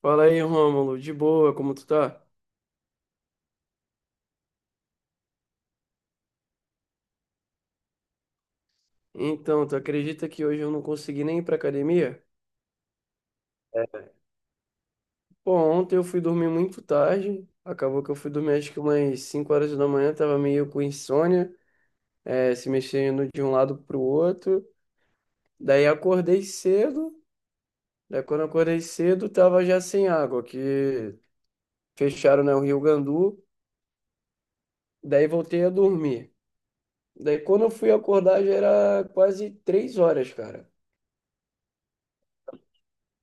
Fala aí, Rômulo, de boa, como tu tá? Então, tu acredita que hoje eu não consegui nem ir pra academia? É. Pô, ontem eu fui dormir muito tarde, acabou que eu fui dormir acho que umas 5 horas da manhã, tava meio com insônia, se mexendo de um lado pro outro. Daí acordei cedo, daí quando eu acordei cedo tava já sem água, que fecharam, né, o Rio Gandu, daí voltei a dormir. Daí quando eu fui acordar já era quase 3 horas, cara.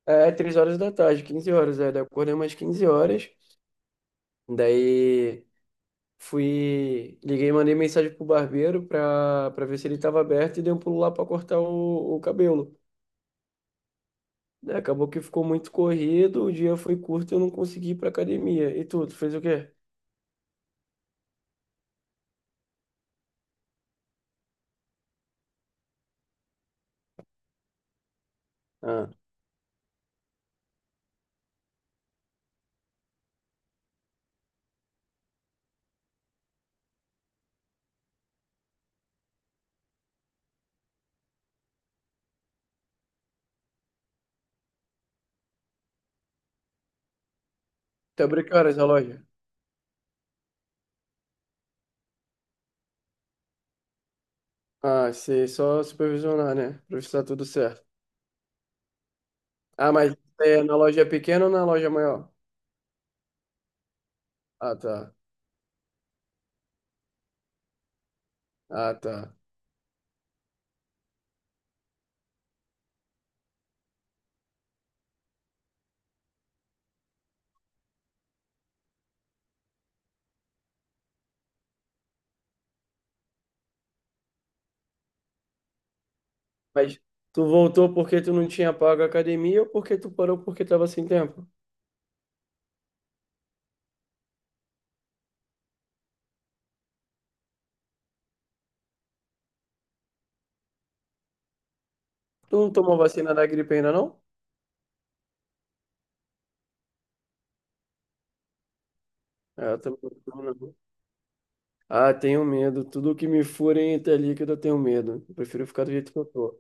É, três horas da tarde, 15 horas, é. Daí eu acordei umas 15 horas. Daí fui, liguei, mandei mensagem pro barbeiro pra ver se ele tava aberto e dei um pulo lá pra cortar o cabelo. Né, acabou que ficou muito corrido, o dia foi curto e eu não consegui ir pra academia. E tu fez o quê? Ah, até abrir que horas a loja? Ah, sei, só supervisionar, né? Pra ver se tá tudo certo. Ah, mas é na loja pequena ou na loja maior? Ah, tá. Ah, tá. Mas tu voltou porque tu não tinha pago a academia ou porque tu parou porque tava sem tempo? Tu não tomou vacina da gripe ainda, não? É, eu também não tomo, não. Ah, tenho medo. Tudo que me furem até líquido, eu tenho medo. Eu prefiro ficar do jeito que eu tô.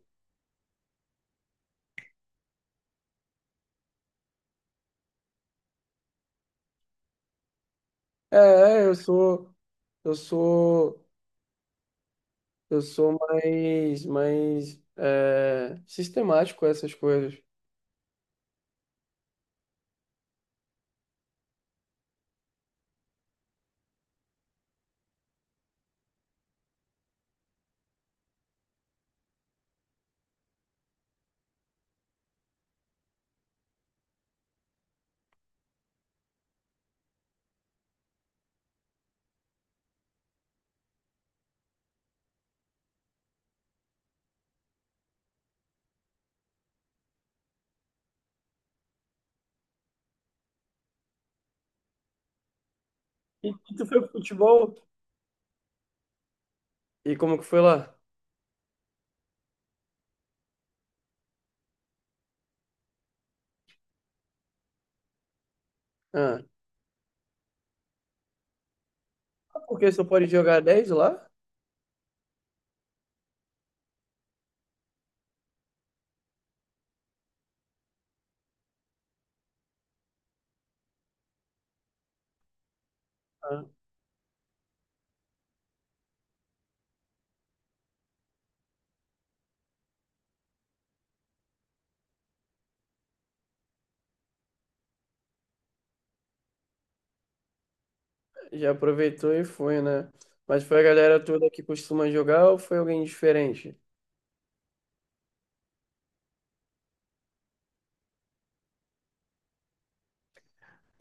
Eu sou, eu sou, eu sou mais sistemático com essas coisas. E tu foi pro futebol? E como que foi lá? Ah, porque só pode jogar 10 lá? Ah. Já aproveitou e foi, né? Mas foi a galera toda que costuma jogar ou foi alguém diferente?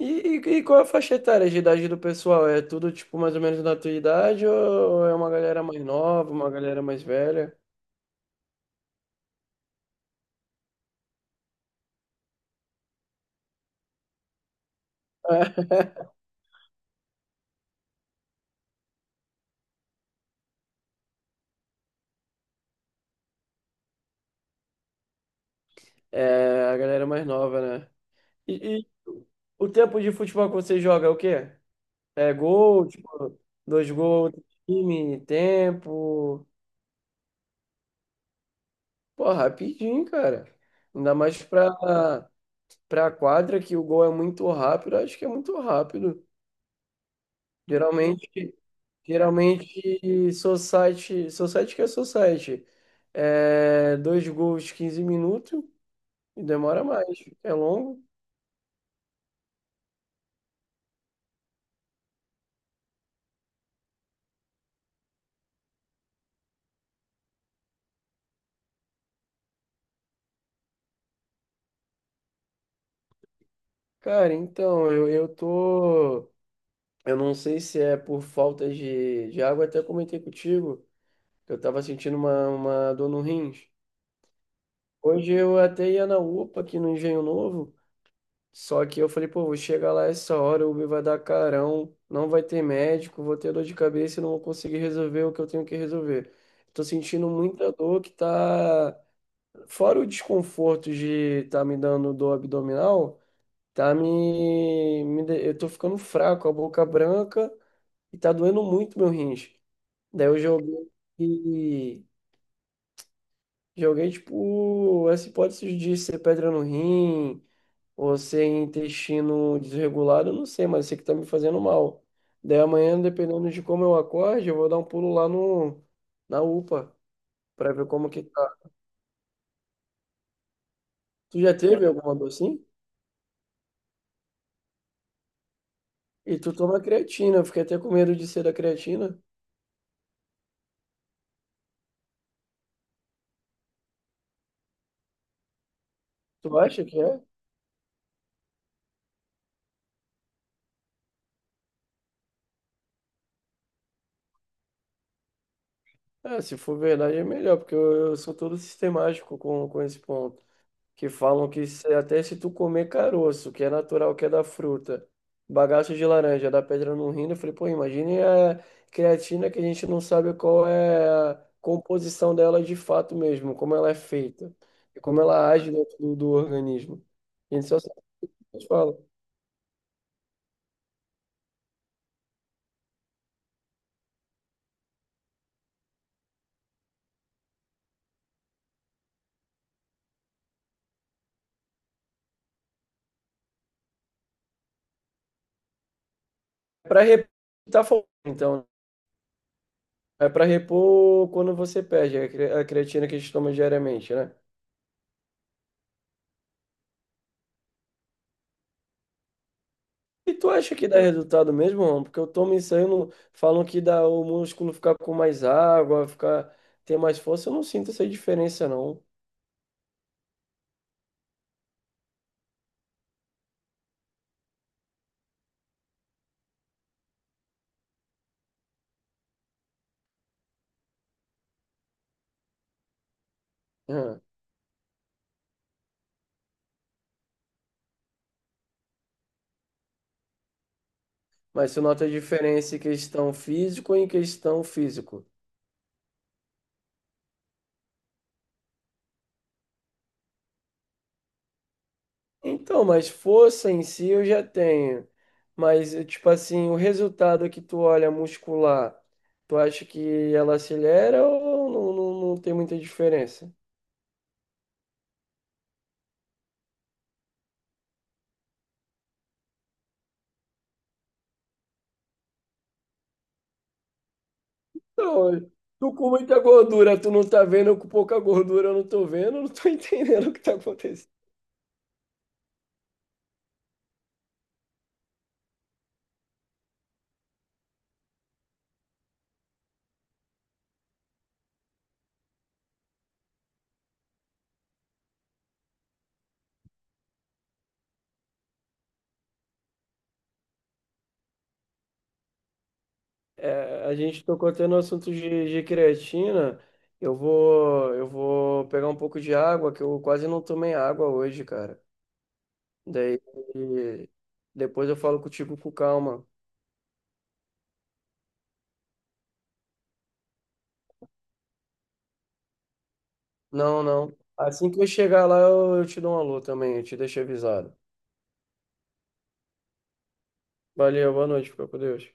E, e qual é a faixa etária de idade do pessoal? É tudo, tipo, mais ou menos da tua idade ou é uma galera mais nova, uma galera mais velha? É, a galera mais nova, né? E o tempo de futebol que você joga é o quê? É gol, tipo, dois gols, time, tempo. Pô, rapidinho, cara. Ainda mais pra, para a quadra, que o gol é muito rápido, acho que é muito rápido. Geralmente, geralmente society, society que é society. É, dois gols, 15 minutos e demora mais. É longo. Cara, então, eu tô. Eu não sei se é por falta de água, até comentei contigo que eu tava sentindo uma dor no rins. Hoje eu até ia na UPA aqui no Engenho Novo. Só que eu falei, pô, vou chegar lá essa hora, o Uber vai dar carão, não vai ter médico, vou ter dor de cabeça e não vou conseguir resolver o que eu tenho que resolver. Tô sentindo muita dor que tá. Fora o desconforto de tá me dando dor abdominal, eu tô ficando fraco, a boca branca e tá doendo muito meu rins. Daí eu joguei. Joguei, tipo, essa hipótese de ser pedra no rim ou sem intestino desregulado, eu não sei, mas eu sei que tá me fazendo mal. Daí amanhã, dependendo de como eu acorde, eu vou dar um pulo lá no, na UPA pra ver como que tá. Tu já teve alguma dor assim? E tu toma creatina, eu fiquei até com medo de ser da creatina. Tu acha que é? É, se for verdade é melhor, porque eu sou todo sistemático com esse ponto. Que falam que se- até se tu comer caroço, que é natural, que é da fruta, bagaço de laranja, dá pedra no rim, eu falei, pô, imagine a creatina que a gente não sabe qual é a composição dela de fato mesmo, como ela é feita, e como ela age dentro do organismo. A gente só sabe o que eles falam. É para repor, tá faltando, então, né? É para repor quando você perde a cre- a creatina que a gente toma diariamente, né? E tu acha que dá resultado mesmo, Ron? Porque eu tomo isso aí, eu não falam que dá o músculo ficar com mais água, ficar ter mais força, eu não sinto essa diferença não. Hã. Mas tu nota a diferença em questão físico e em questão físico. Então, mas força em si eu já tenho. Mas, tipo assim, o resultado que tu olha muscular, tu acha que ela acelera ou não, não tem muita diferença? Não, tu com muita gordura, tu não tá vendo, eu com pouca gordura, eu não tô vendo, eu não tô entendendo o que tá acontecendo. É, a gente tocou até no assunto de creatina. Eu vou pegar um pouco de água, que eu quase não tomei água hoje, cara. Daí depois eu falo contigo com calma. Não, não. Assim que eu chegar lá, eu te dou um alô também, eu te deixo avisado. Valeu, boa noite, fica com Deus.